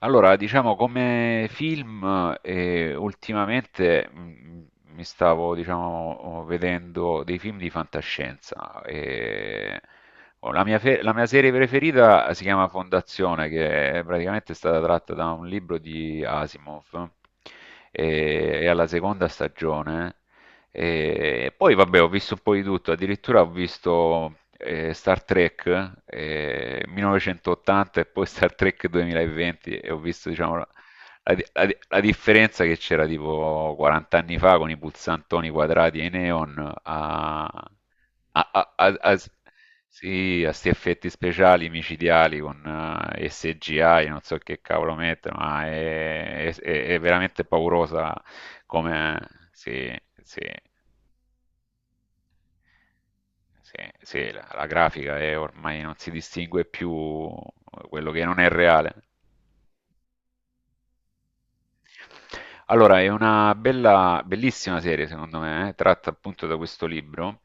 Allora, diciamo come film, ultimamente mi stavo, diciamo, vedendo dei film di fantascienza. E la mia serie preferita si chiama Fondazione, che è praticamente stata tratta da un libro di Asimov. E, è alla seconda stagione e poi vabbè, ho visto un po' di tutto, addirittura ho visto Star Trek 1980 e poi Star Trek 2020 e ho visto, diciamo, la differenza che c'era tipo 40 anni fa con i pulsantoni quadrati e i neon a, a, a- a- a- sì, a sti effetti speciali micidiali con SGI, non so che cavolo mettono, ma è veramente paurosa come... Sì, sì. Sì, sì, la grafica è ormai non si distingue più, quello che non è reale. Allora, è una bella, bellissima serie, secondo me, tratta appunto da questo libro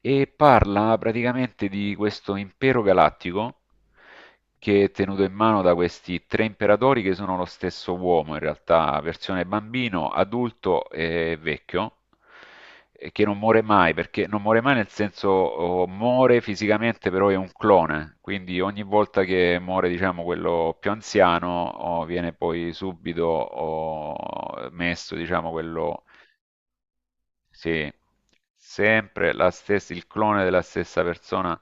e parla praticamente di questo impero galattico che è tenuto in mano da questi tre imperatori che sono lo stesso uomo, in realtà, versione bambino, adulto e vecchio, e che non muore mai, perché non muore mai nel senso, oh, muore fisicamente, però è un clone, quindi ogni volta che muore, diciamo, quello più anziano, oh, viene poi subito, oh, messo, diciamo, quello. Sì, sempre la stessa, il clone della stessa persona.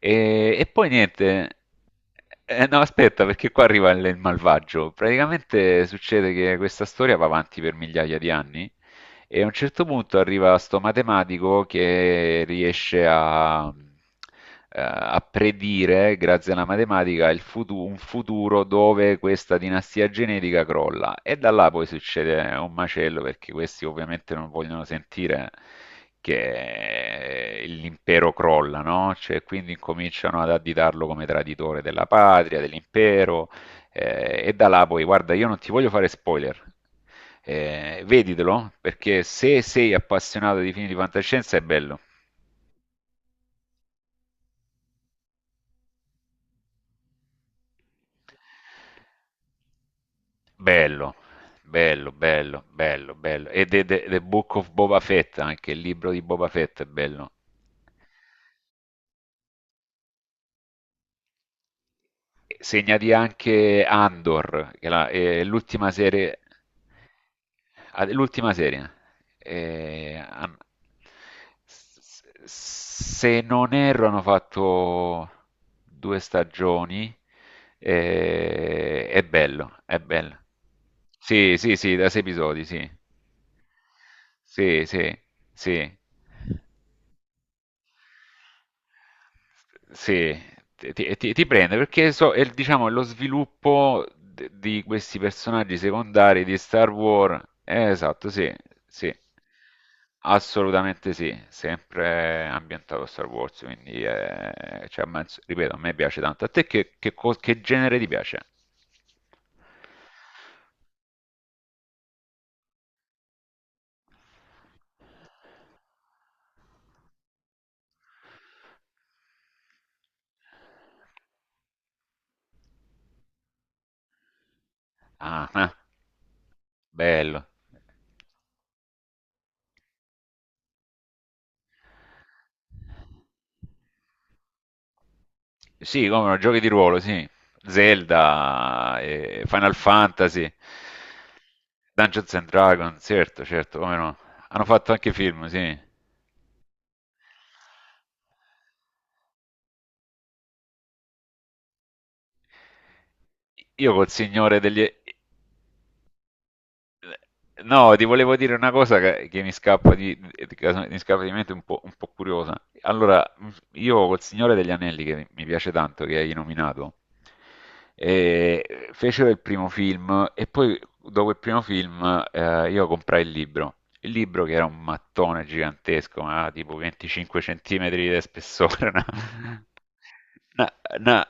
E poi niente. No, aspetta, perché qua arriva il malvagio. Praticamente succede che questa storia va avanti per migliaia di anni e a un certo punto arriva sto matematico che riesce a predire, grazie alla matematica, un futuro dove questa dinastia genetica crolla. E da là poi succede un macello perché questi ovviamente non vogliono sentire che l'impero crolla, no? Cioè, quindi incominciano ad additarlo come traditore della patria, dell'impero, e da là poi, guarda, io non ti voglio fare spoiler. Veditelo, perché se sei appassionato di film di fantascienza è bello. Bello, bello, bello, bello, bello. E The Book of Boba Fett, anche il libro di Boba Fett è bello. Segnati anche Andor, che è l'ultima serie, ah, l'ultima serie. Eh, han- s- s- se non erro, hanno fatto due stagioni. È bello, è bello. Sì, sì, sì, da sei episodi, sì. Sì, sì, sì. Sì, ti prende, perché diciamo, è lo sviluppo di questi personaggi secondari di Star Wars. Esatto, sì, sì, assolutamente sì, sempre ambientato a Star Wars, quindi, cioè, ripeto, a me piace tanto. A te che genere ti piace? Ah, ah, bello. Sì, come no, giochi di ruolo, sì. Zelda, Final Fantasy, Dungeons and Dragons, certo, certo, come no. Hanno fatto anche film, sì. Io col Signore degli No, ti volevo dire una cosa che mi scappa di mente un po' curiosa. Allora, io col Signore degli Anelli, che mi piace tanto, che hai nominato, fecero il primo film e poi dopo il primo film, io comprai il libro. Il libro che era un mattone gigantesco, ma tipo 25 centimetri di spessore, una- una-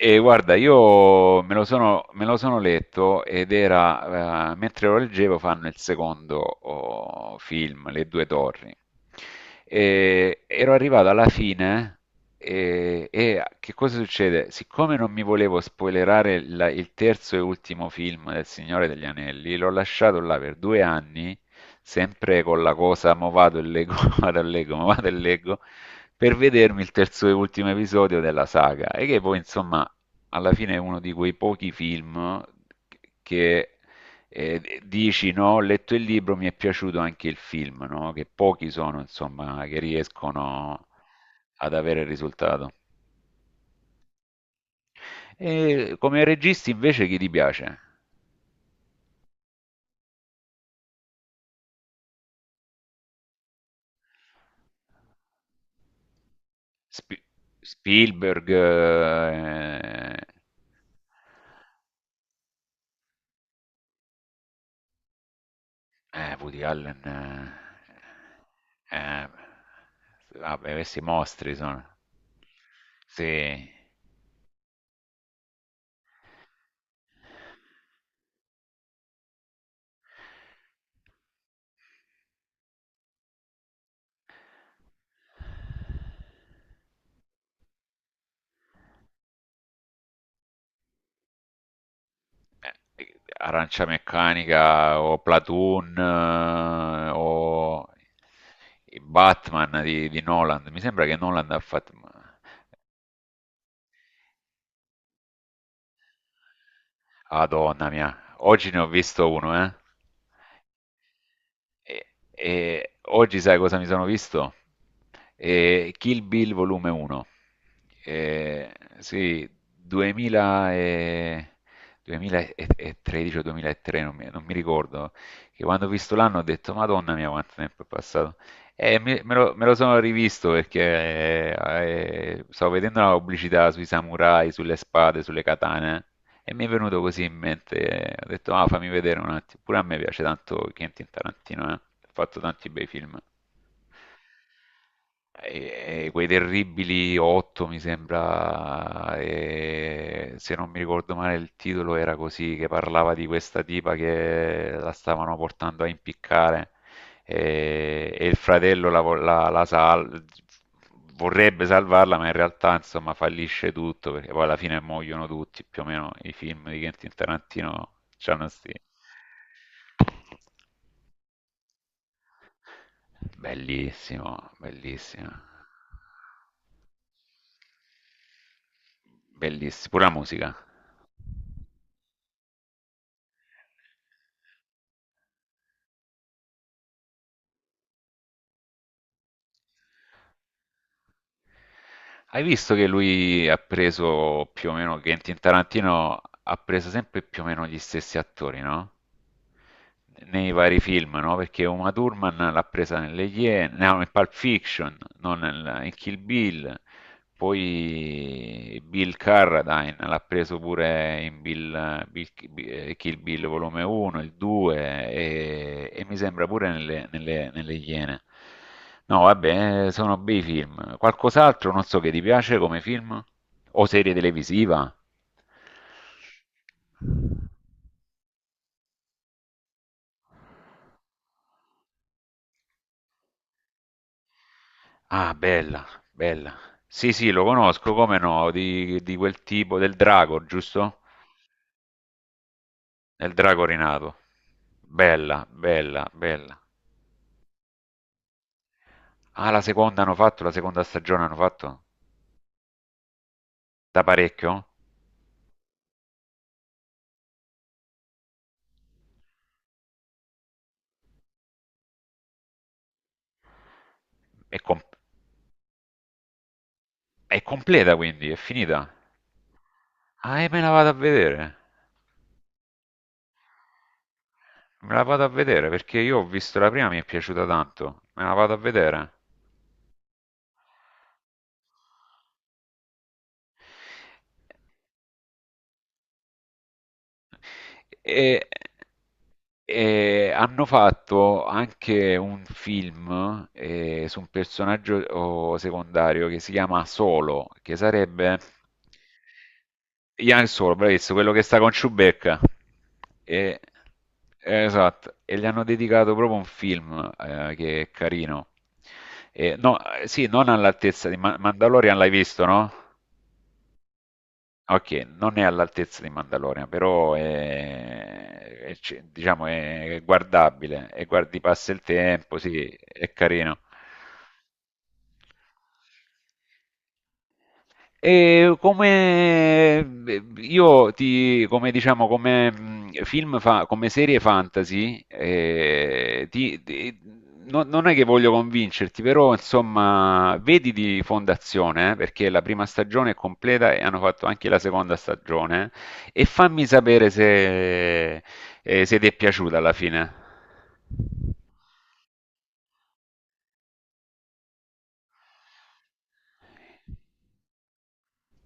e guarda, io me lo sono letto ed era, mentre lo leggevo, fanno il secondo, oh, film, Le due torri. E ero arrivato alla fine e che cosa succede? Siccome non mi volevo spoilerare il terzo e ultimo film del Signore degli Anelli, l'ho lasciato là per 2 anni, sempre con la cosa, mo vado e leggo, mo vado e leggo, mo vado e leggo per vedermi il terzo e ultimo episodio della saga. E che poi insomma alla fine è uno di quei pochi film che, dici, no, ho letto il libro, mi è piaciuto anche il film, no? Che pochi sono, insomma, che riescono ad avere il risultato. E come registi invece chi ti piace? Spi- Spielberg, Woody Allen, eh, vabbè, questi mostri sono. Sì. Arancia Meccanica o Platoon, o i Batman di Nolan. Mi sembra che Nolan ha fatto... Madonna mia, oggi ne ho visto uno, eh. E, e oggi sai cosa mi sono visto? Kill Bill volume 1. Eh, sì, 2000 e- 2013 o 2003, non mi ricordo, che quando ho visto l'anno ho detto, Madonna mia, quanto tempo è passato. E me lo sono rivisto perché, stavo vedendo una pubblicità sui samurai, sulle spade, sulle katane e mi è venuto così in mente, ho detto, ah, fammi vedere un attimo, pure a me piace tanto Quentin Tarantino, eh. Ha fatto tanti bei film. E quei terribili otto, mi sembra, e se non mi ricordo male il titolo era così, che parlava di questa tipa che la stavano portando a impiccare, e il fratello la, vo- la- la sal- vorrebbe salvarla, ma in realtà insomma fallisce tutto perché poi alla fine muoiono tutti, più o meno i film di Quentin Tarantino c'hanno sti... Bellissimo, bellissimo, bellissimo, pure la musica. Hai visto che lui ha preso più o meno, Quentin Tarantino ha preso sempre più o meno gli stessi attori, no? Nei vari film, no? Perché Uma Thurman l'ha presa nelle Iene, no, in Pulp Fiction, non in Kill Bill. Poi Bill Carradine l'ha preso pure in Kill Bill volume 1, il 2, e mi sembra pure nelle Iene. No, vabbè, sono bei film. Qualcos'altro, non so che ti piace come film? O serie televisiva? Ah, bella, bella. Sì, sì, lo conosco, come no, di quel tipo del drago, giusto? Nel drago rinato. Bella, bella, bella. Ah, la seconda stagione hanno fatto? Da parecchio? È, com- è completa quindi, è finita. Ah, e me la vado a vedere. Me la vado a vedere perché io ho visto la prima, mi è piaciuta tanto. Me la vado a vedere. E, e hanno fatto anche un film, su un personaggio, oh, secondario che si chiama Solo, che sarebbe Ian Solo, bravissimo, quello che sta con Chewbacca. E, esatto, e gli hanno dedicato proprio un film, che è carino. E, no, sì, non all'altezza di Mandalorian, l'hai visto, no? Okay, non è all'altezza di Mandalorian, però è c diciamo è guardabile e guardi passa il tempo, sì, è carino. E come, io ti, come diciamo, come film fa, come serie fantasy, non è che voglio convincerti, però insomma, vedi di Fondazione, perché la prima stagione è completa e hanno fatto anche la seconda stagione, e fammi sapere se ti è piaciuta alla fine.